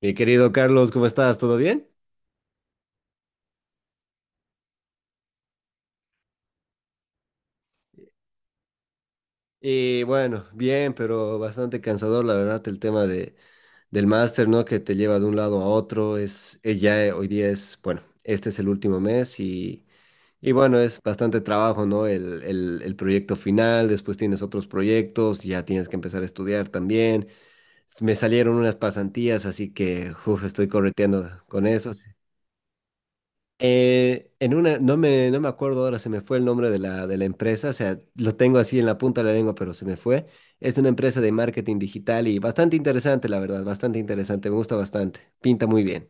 Mi querido Carlos, ¿cómo estás? ¿Todo bien? Y bueno, bien, pero bastante cansador, la verdad, el tema de, del máster, ¿no? Que te lleva de un lado a otro. Es, ya Hoy día es, bueno, este es el último mes y bueno, es bastante trabajo, ¿no? El proyecto final, después tienes otros proyectos, ya tienes que empezar a estudiar también. Me salieron unas pasantías, así que, uf, estoy correteando con eso. Sí. En una, no me acuerdo ahora, se me fue el nombre de la empresa, o sea, lo tengo así en la punta de la lengua, pero se me fue. Es una empresa de marketing digital y bastante interesante, la verdad, bastante interesante, me gusta bastante, pinta muy bien.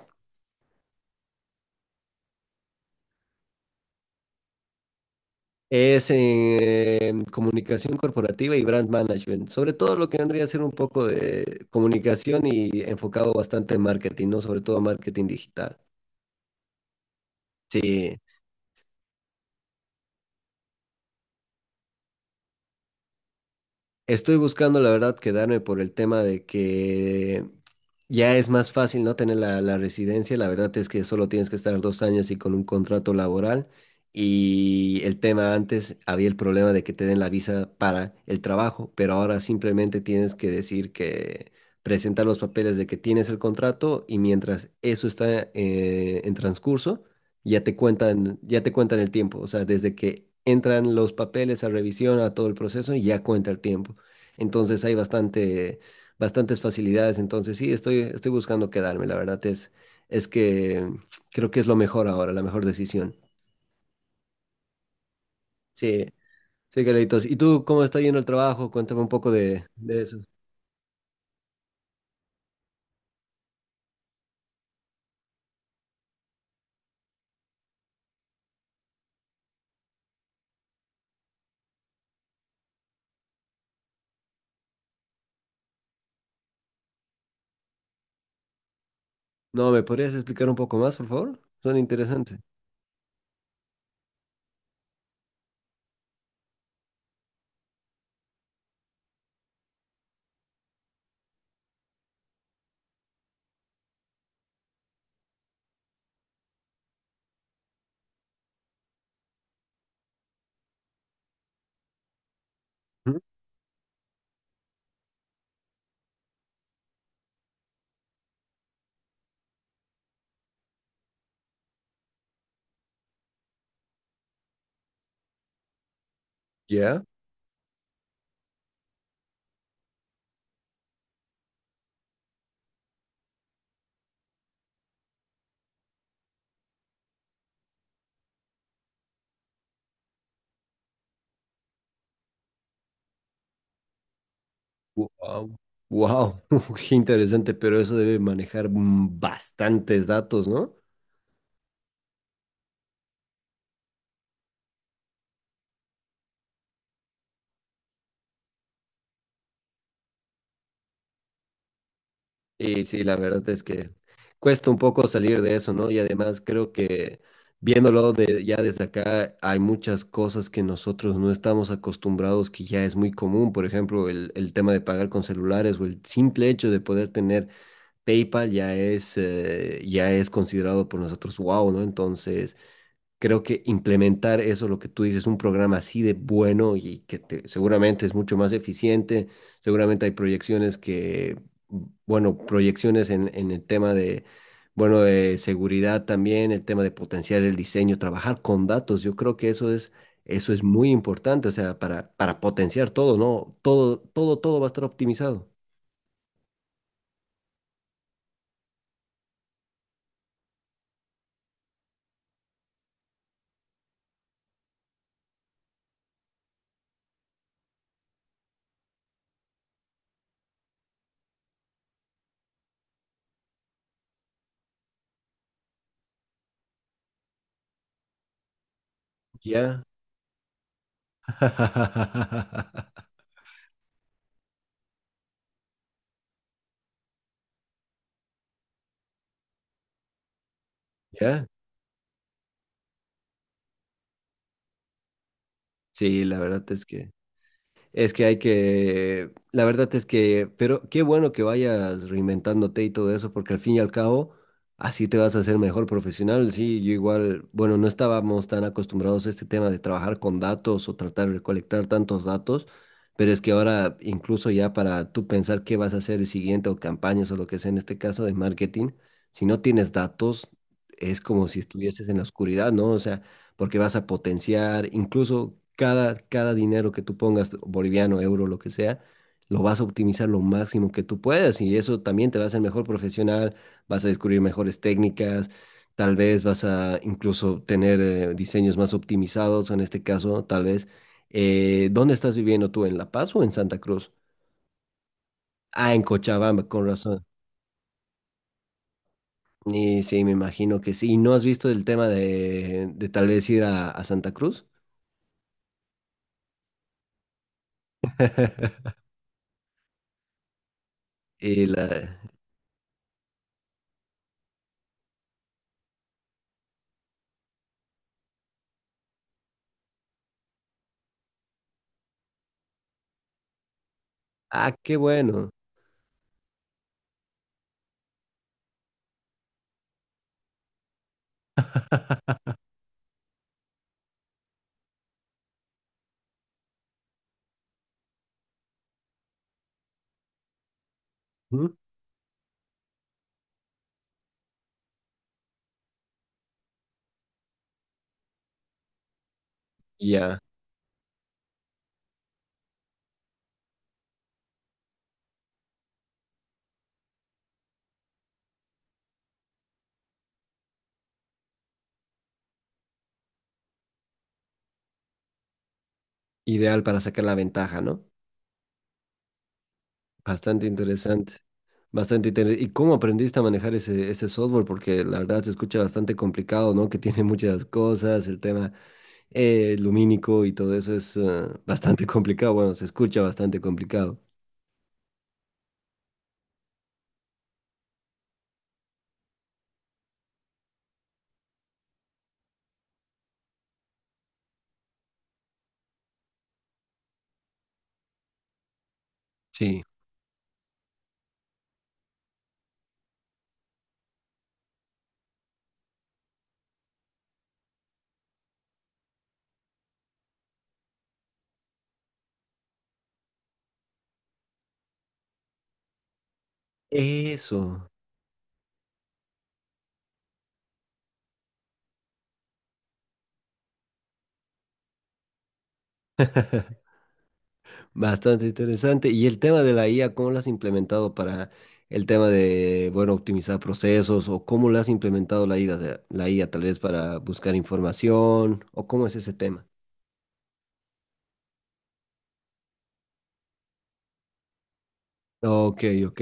Es en comunicación corporativa y brand management, sobre todo lo que vendría a ser un poco de comunicación y enfocado bastante en marketing, ¿no? Sobre todo marketing digital. Sí, estoy buscando, la verdad, quedarme por el tema de que ya es más fácil no tener la, la residencia. La verdad es que solo tienes que estar dos años y con un contrato laboral. Y el tema antes había el problema de que te den la visa para el trabajo, pero ahora simplemente tienes que decir que presentar los papeles de que tienes el contrato y mientras eso está en transcurso, ya te cuentan el tiempo. O sea, desde que entran los papeles a revisión, a todo el proceso, ya cuenta el tiempo. Entonces hay bastante, bastantes facilidades. Entonces sí, estoy, estoy buscando quedarme. La verdad es que creo que es lo mejor ahora, la mejor decisión. Sí, sí, Carlitos. ¿Y tú cómo está yendo el trabajo? Cuéntame un poco de eso. No, ¿me podrías explicar un poco más, por favor? Son interesantes. Ujú. ¿Ya? Wow. Wow, qué interesante, pero eso debe manejar bastantes datos, ¿no? Y sí, la verdad es que cuesta un poco salir de eso, ¿no? Y además creo que viéndolo de, ya desde acá, hay muchas cosas que nosotros no estamos acostumbrados, que ya es muy común. Por ejemplo, el tema de pagar con celulares o el simple hecho de poder tener PayPal ya es considerado por nosotros wow, ¿no? Entonces creo que implementar eso, lo que tú dices, un programa así de bueno y que te- seguramente es mucho más eficiente, seguramente hay proyecciones que, bueno, proyecciones en el tema de, bueno, de seguridad también, el tema de potenciar el diseño, trabajar con datos, yo creo que eso es muy importante, o sea, para potenciar todo, ¿no? Todo, todo, todo va a estar optimizado. Ya, ya, sí, la verdad es que... Es que hay que, la verdad es que, pero qué bueno que vayas reinventándote y todo eso, porque al fin y al cabo, así te vas a hacer mejor profesional. Sí, yo igual, bueno, no estábamos tan acostumbrados a este tema de trabajar con datos o tratar de recolectar tantos datos, pero es que ahora incluso ya para tú pensar qué vas a hacer el siguiente o campañas o lo que sea en este caso de marketing, si no tienes datos, es como si estuvieses en la oscuridad, ¿no? O sea, porque vas a potenciar incluso cada, cada dinero que tú pongas, boliviano, euro, lo que sea, lo vas a optimizar lo máximo que tú puedas y eso también te va a hacer mejor profesional, vas a descubrir mejores técnicas, tal vez vas a incluso tener diseños más optimizados, en este caso, tal vez. ¿Dónde estás viviendo tú? ¿En La Paz o en Santa Cruz? Ah, en Cochabamba, con razón. Y sí, me imagino que sí. ¿Y no has visto el tema de tal vez ir a Santa Cruz? Y la- Ah, qué bueno. Ujú. Ya, ideal para sacar la ventaja, ¿no? Bastante interesante. Bastante interesante. ¿Y cómo aprendiste a manejar ese, ese software? Porque la verdad se escucha bastante complicado, ¿no? Que tiene muchas cosas, el tema lumínico y todo eso es bastante complicado. Bueno, se escucha bastante complicado. Sí. Eso. Bastante interesante. Y el tema de la IA, ¿cómo lo has implementado para el tema de, bueno, optimizar procesos o cómo lo has implementado la IA? O sea, la IA tal vez para buscar información o cómo es ese tema? Ok, ok.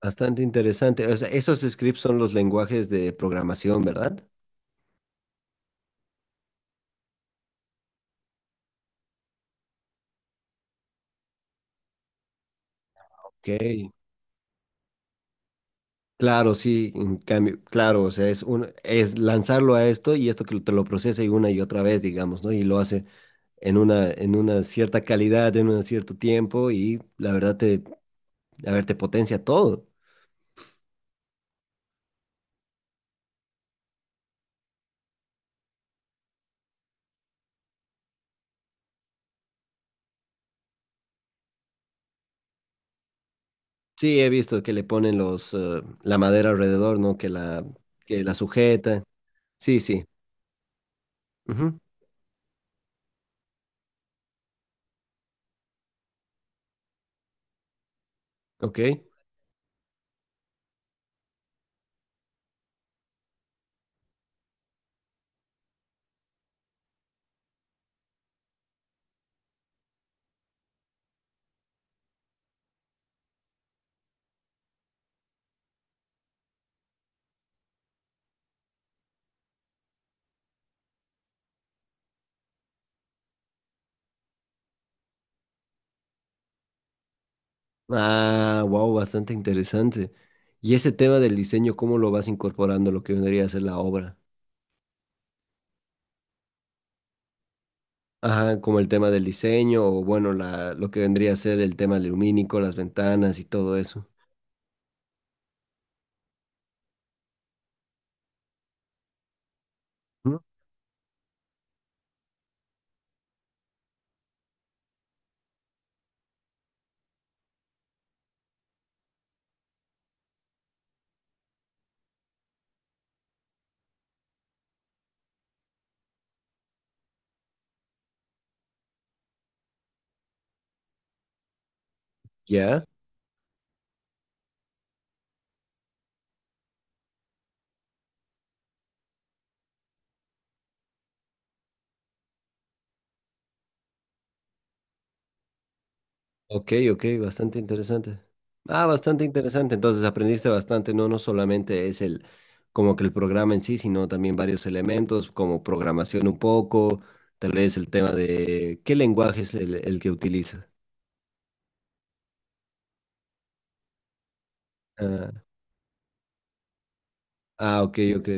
Bastante interesante. O sea, esos scripts son los lenguajes de programación, ¿verdad? Ok. Claro, sí, en cambio, claro, o sea, es un, es lanzarlo a esto y esto que te lo procesa y una y otra vez, digamos, ¿no? Y lo hace en una cierta calidad, en un cierto tiempo y la verdad te, a ver, te potencia todo. Sí, he visto que le ponen los, la madera alrededor, ¿no? Que la sujeta. Sí, sí. Ujú. Ok. Ah, wow, bastante interesante. Y ese tema del diseño, ¿cómo lo vas incorporando a lo que vendría a ser la obra? Ajá, como el tema del diseño o bueno, la, lo que vendría a ser el tema lumínico, las ventanas y todo eso. Ujú. ¿Ya? Ok, ok, bastante interesante. Ah, bastante interesante. Entonces aprendiste bastante, no, no solamente es el como que el programa en sí, sino también varios elementos como programación un poco, tal vez el tema de qué lenguaje es el que utiliza. Ah, ah, ok, ok.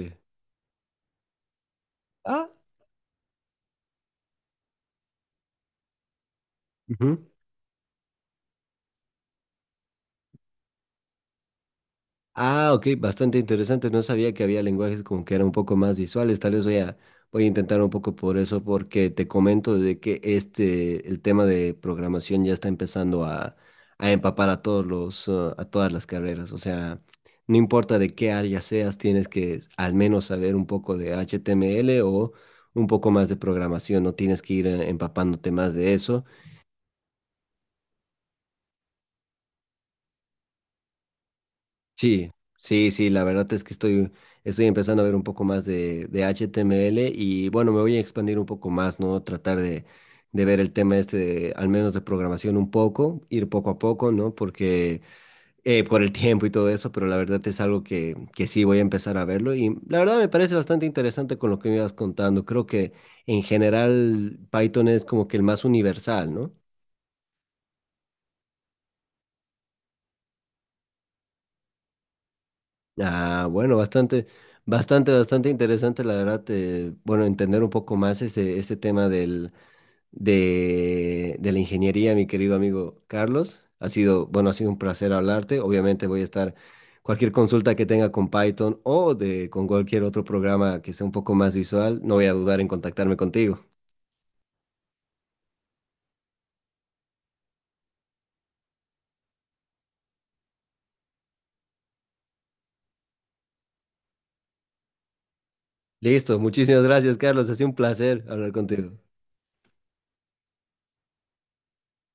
Ah, ujú. Ah, ok, bastante interesante. No sabía que había lenguajes como que eran un poco más visuales. Tal vez voy a, voy a intentar un poco por eso, porque te comento de que este, el tema de programación ya está empezando a empapar a todos los, a todas las carreras. O sea, no importa de qué área seas, tienes que al menos saber un poco de HTML o un poco más de programación. No tienes que ir empapándote más de eso. Sí, sí, sí, la verdad es que estoy, estoy empezando a ver un poco más de HTML y bueno, me voy a expandir un poco más, ¿no? Tratar de ver el tema este, de- al menos de programación un poco, ir poco a poco, ¿no? Porque por el tiempo y todo eso, pero la verdad es algo que sí voy a empezar a verlo y la verdad me parece bastante interesante con lo que me ibas contando. Creo que en general Python es como que el más universal, ¿no? Ah, bueno, bastante, bastante, bastante interesante, la verdad, bueno, entender un poco más este, este tema del, de la ingeniería, mi querido amigo Carlos. Ha sido, bueno, ha sido un placer hablarte. Obviamente voy a estar, cualquier consulta que tenga con Python o de, con cualquier otro programa que sea un poco más visual, no voy a dudar en contactarme contigo. Listo, muchísimas gracias, Carlos. Ha sido un placer hablar contigo.